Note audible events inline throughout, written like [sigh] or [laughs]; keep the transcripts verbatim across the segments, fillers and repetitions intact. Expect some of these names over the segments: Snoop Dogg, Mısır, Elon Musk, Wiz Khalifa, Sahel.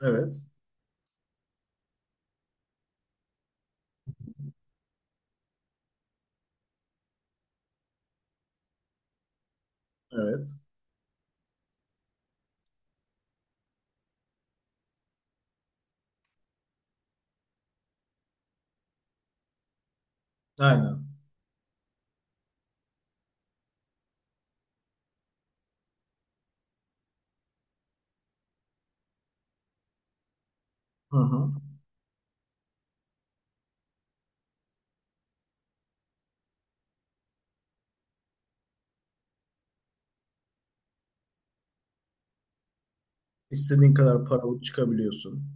Evet. Evet. Aynen. Hı hı. İstediğin kadar paralık çıkabiliyorsun.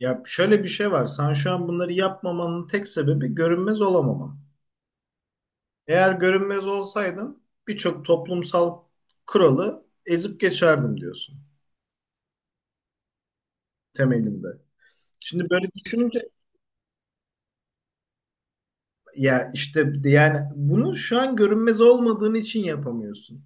Ya şöyle bir şey var. Sen şu an bunları yapmamanın tek sebebi görünmez olamaman. Eğer görünmez olsaydın birçok toplumsal kuralı ezip geçerdim diyorsun temelinde. Şimdi böyle düşününce ya işte yani bunu şu an görünmez olmadığın için yapamıyorsun.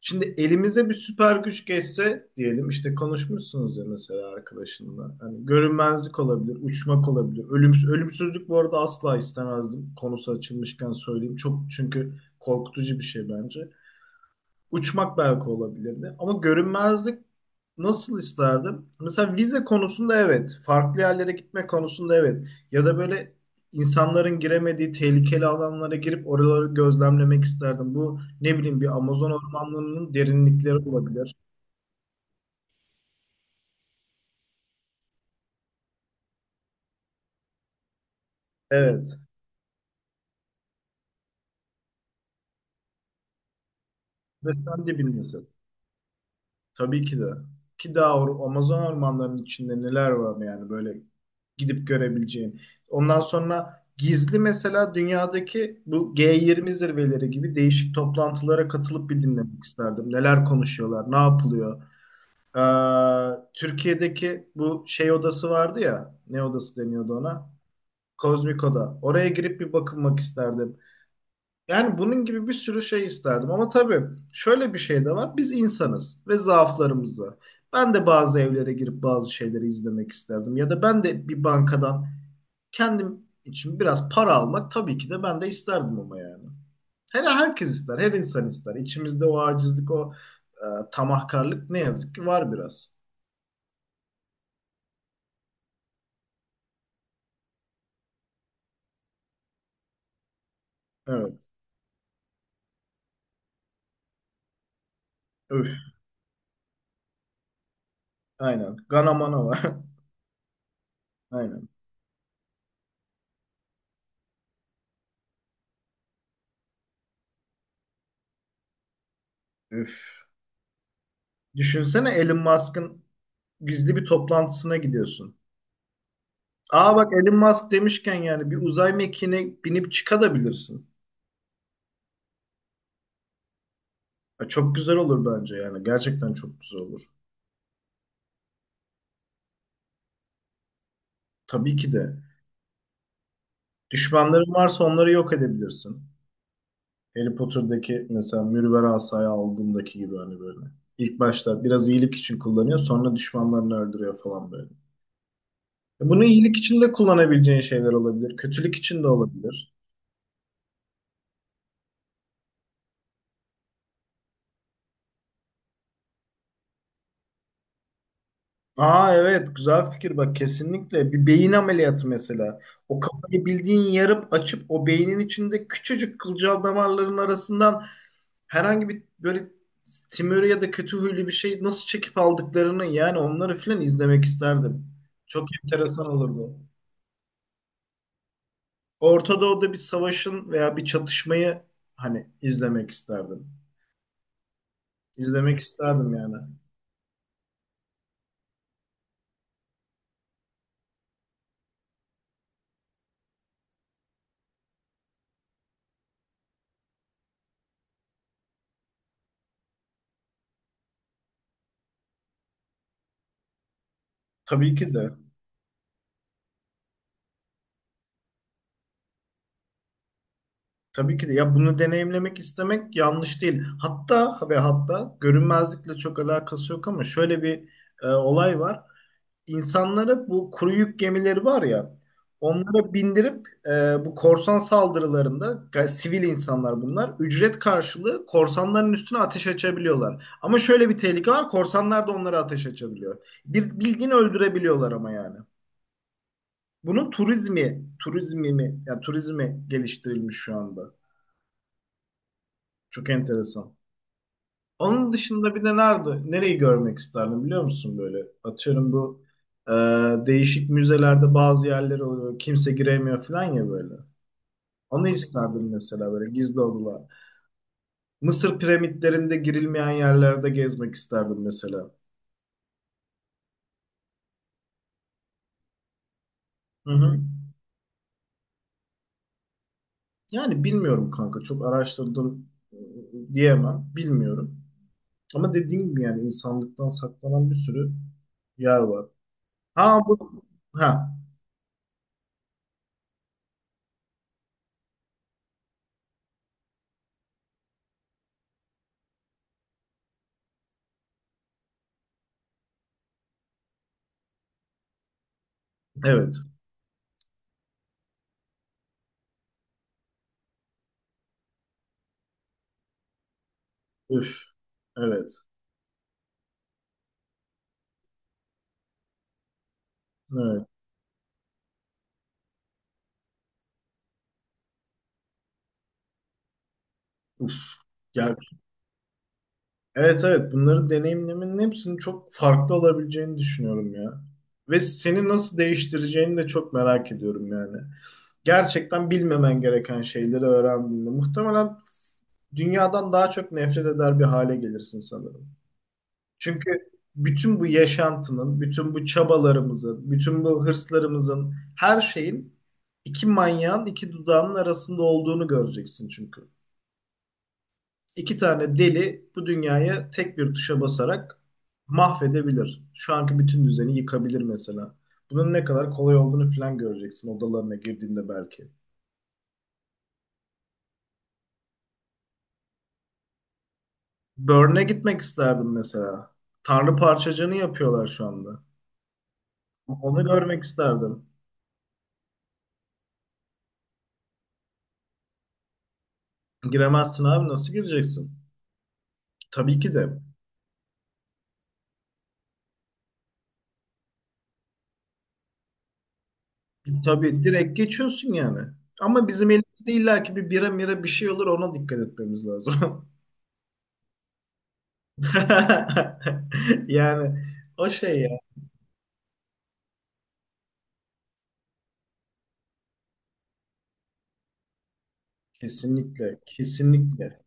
Şimdi elimize bir süper güç geçse diyelim işte konuşmuşsunuz ya mesela arkadaşınla. Hani görünmezlik olabilir, uçmak olabilir. Ölümsüz, ölümsüzlük bu arada asla istemezdim. Konusu açılmışken söyleyeyim. Çok çünkü korkutucu bir şey bence. Uçmak belki olabilirdi. Ama görünmezlik nasıl isterdim? Mesela vize konusunda evet. Farklı yerlere gitme konusunda evet. Ya da böyle insanların giremediği tehlikeli alanlara girip oraları gözlemlemek isterdim. Bu ne bileyim bir Amazon ormanlarının derinlikleri olabilir. Evet. Ve sen dibindesin. Tabii ki de. Ki daha or- Amazon ormanlarının içinde neler var yani böyle gidip görebileceğin. Ondan sonra gizli mesela dünyadaki bu G yirmi zirveleri gibi değişik toplantılara katılıp bir dinlemek isterdim. Neler konuşuyorlar, ne yapılıyor. Ee, Türkiye'deki bu şey odası vardı ya, ne odası deniyordu ona? Kozmik Oda. Oraya girip bir bakınmak isterdim. Yani bunun gibi bir sürü şey isterdim ama tabii şöyle bir şey de var. Biz insanız ve zaaflarımız var. Ben de bazı evlere girip bazı şeyleri izlemek isterdim. Ya da ben de bir bankadan kendim için biraz para almak tabii ki de ben de isterdim ama yani. Her herkes ister, her insan ister. İçimizde o acizlik, o e, tamahkarlık ne yazık ki var biraz. Evet. Üf. Aynen. Ganamana var. [laughs] Aynen. Üf. Düşünsene Elon Musk'ın gizli bir toplantısına gidiyorsun. Aa bak Elon Musk demişken yani bir uzay mekiğine binip çıkabilirsin. Ya çok güzel olur bence yani. Gerçekten çok güzel olur. Tabii ki de. Düşmanların varsa onları yok edebilirsin. Harry Potter'daki mesela mürver asayı aldığındaki gibi hani böyle. İlk başta biraz iyilik için kullanıyor sonra düşmanlarını öldürüyor falan böyle. E bunu iyilik için de kullanabileceğin şeyler olabilir. Kötülük için de olabilir. Aa evet güzel fikir bak, kesinlikle bir beyin ameliyatı mesela. O kafayı bildiğin yarıp açıp o beynin içinde küçücük kılcal damarların arasından herhangi bir böyle tümörü ya da kötü huylu bir şey nasıl çekip aldıklarını yani onları filan izlemek isterdim. Çok enteresan olurdu. Orta Doğu'da bir savaşın veya bir çatışmayı hani izlemek isterdim. İzlemek isterdim yani. Tabii ki de. Tabii ki de ya bunu deneyimlemek istemek yanlış değil. Hatta ve hatta görünmezlikle çok alakası yok ama şöyle bir e, olay var. İnsanlara bu kuru yük gemileri var ya onlara bindirip e, bu korsan saldırılarında ga- sivil insanlar bunlar ücret karşılığı korsanların üstüne ateş açabiliyorlar. Ama şöyle bir tehlike var, korsanlar da onlara ateş açabiliyor. Bir bildiğini öldürebiliyorlar ama yani. Bunun turizmi, turizmi mi? Ya turizmi geliştirilmiş şu anda. Çok enteresan. Onun dışında bir de nerede, nereyi görmek isterdim biliyor musun böyle? Atıyorum bu e, değişik müzelerde bazı yerler oluyor. Kimse giremiyor falan ya böyle. Onu isterdim mesela, böyle gizli odalar. Mısır piramitlerinde girilmeyen yerlerde gezmek isterdim mesela. Hı hı. Yani bilmiyorum kanka, çok araştırdım e, diyemem. Bilmiyorum. Ama dediğim gibi yani insanlıktan saklanan bir sürü yer var. Ha bu ha Evet. Üf. Evet. Evet. Uf. Ya evet evet, bunları deneyimlemenin hepsinin çok farklı olabileceğini düşünüyorum ya. Ve seni nasıl değiştireceğini de çok merak ediyorum yani. Gerçekten bilmemen gereken şeyleri öğrendiğinde muhtemelen dünyadan daha çok nefret eder bir hale gelirsin sanırım. Çünkü bütün bu yaşantının, bütün bu çabalarımızın, bütün bu hırslarımızın, her şeyin iki manyağın iki dudağının arasında olduğunu göreceksin çünkü. İki tane deli bu dünyayı tek bir tuşa basarak mahvedebilir. Şu anki bütün düzeni yıkabilir mesela. Bunun ne kadar kolay olduğunu falan göreceksin odalarına girdiğinde belki. Burn'e gitmek isterdim mesela. Tanrı parçacığını yapıyorlar şu anda. Onu görmek isterdim. Giremezsin abi, nasıl gireceksin? Tabii ki de. Tabii direkt geçiyorsun yani. Ama bizim elimizde illaki bir bira mira bir şey olur, ona dikkat etmemiz lazım. [laughs] Yani o şey. Kesinlikle, kesinlikle.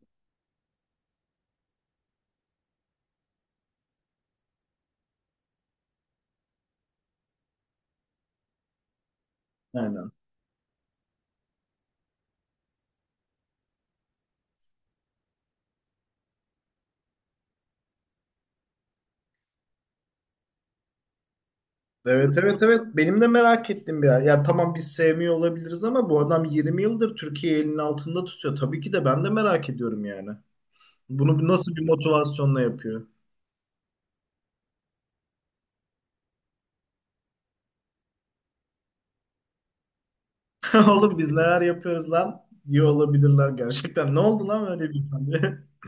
Aynen. Evet, evet, evet. Benim de merak ettim ya. Ya tamam biz sevmiyor olabiliriz ama bu adam yirmi yıldır Türkiye'yi elinin altında tutuyor. Tabii ki de ben de merak ediyorum yani. Bunu nasıl bir motivasyonla yapıyor? [laughs] Oğlum biz neler yapıyoruz lan diyor olabilirler gerçekten. Ne oldu lan öyle bir tane? [laughs]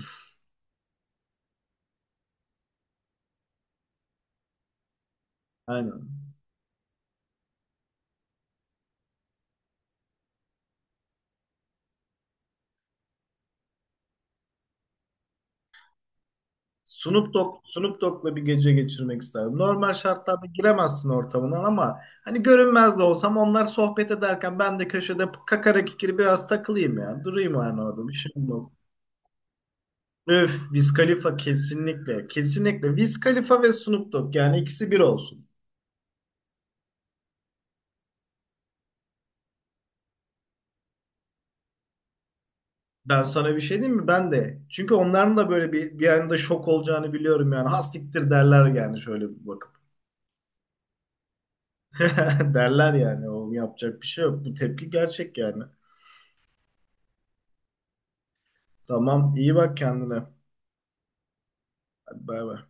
Aynen. Snoop Dogg, Snoop Dogg'la bir gece geçirmek isterdim. Normal şartlarda giremezsin ortamından ama hani görünmez de olsam onlar sohbet ederken ben de köşede kakara kikiri biraz takılayım ya. Durayım yani orada, bir şey olmaz. Öf, Wiz Khalifa kesinlikle. Kesinlikle. Wiz Khalifa ve Snoop Dogg yani, ikisi bir olsun. Ben sana bir şey diyeyim mi? Ben de. Çünkü onların da böyle bir, bir anda şok olacağını biliyorum yani. Hastiktir derler yani şöyle bir bakıp. [laughs] Derler yani. O yapacak bir şey yok. Bu tepki gerçek yani. Tamam, iyi bak kendine. Hadi bay bay.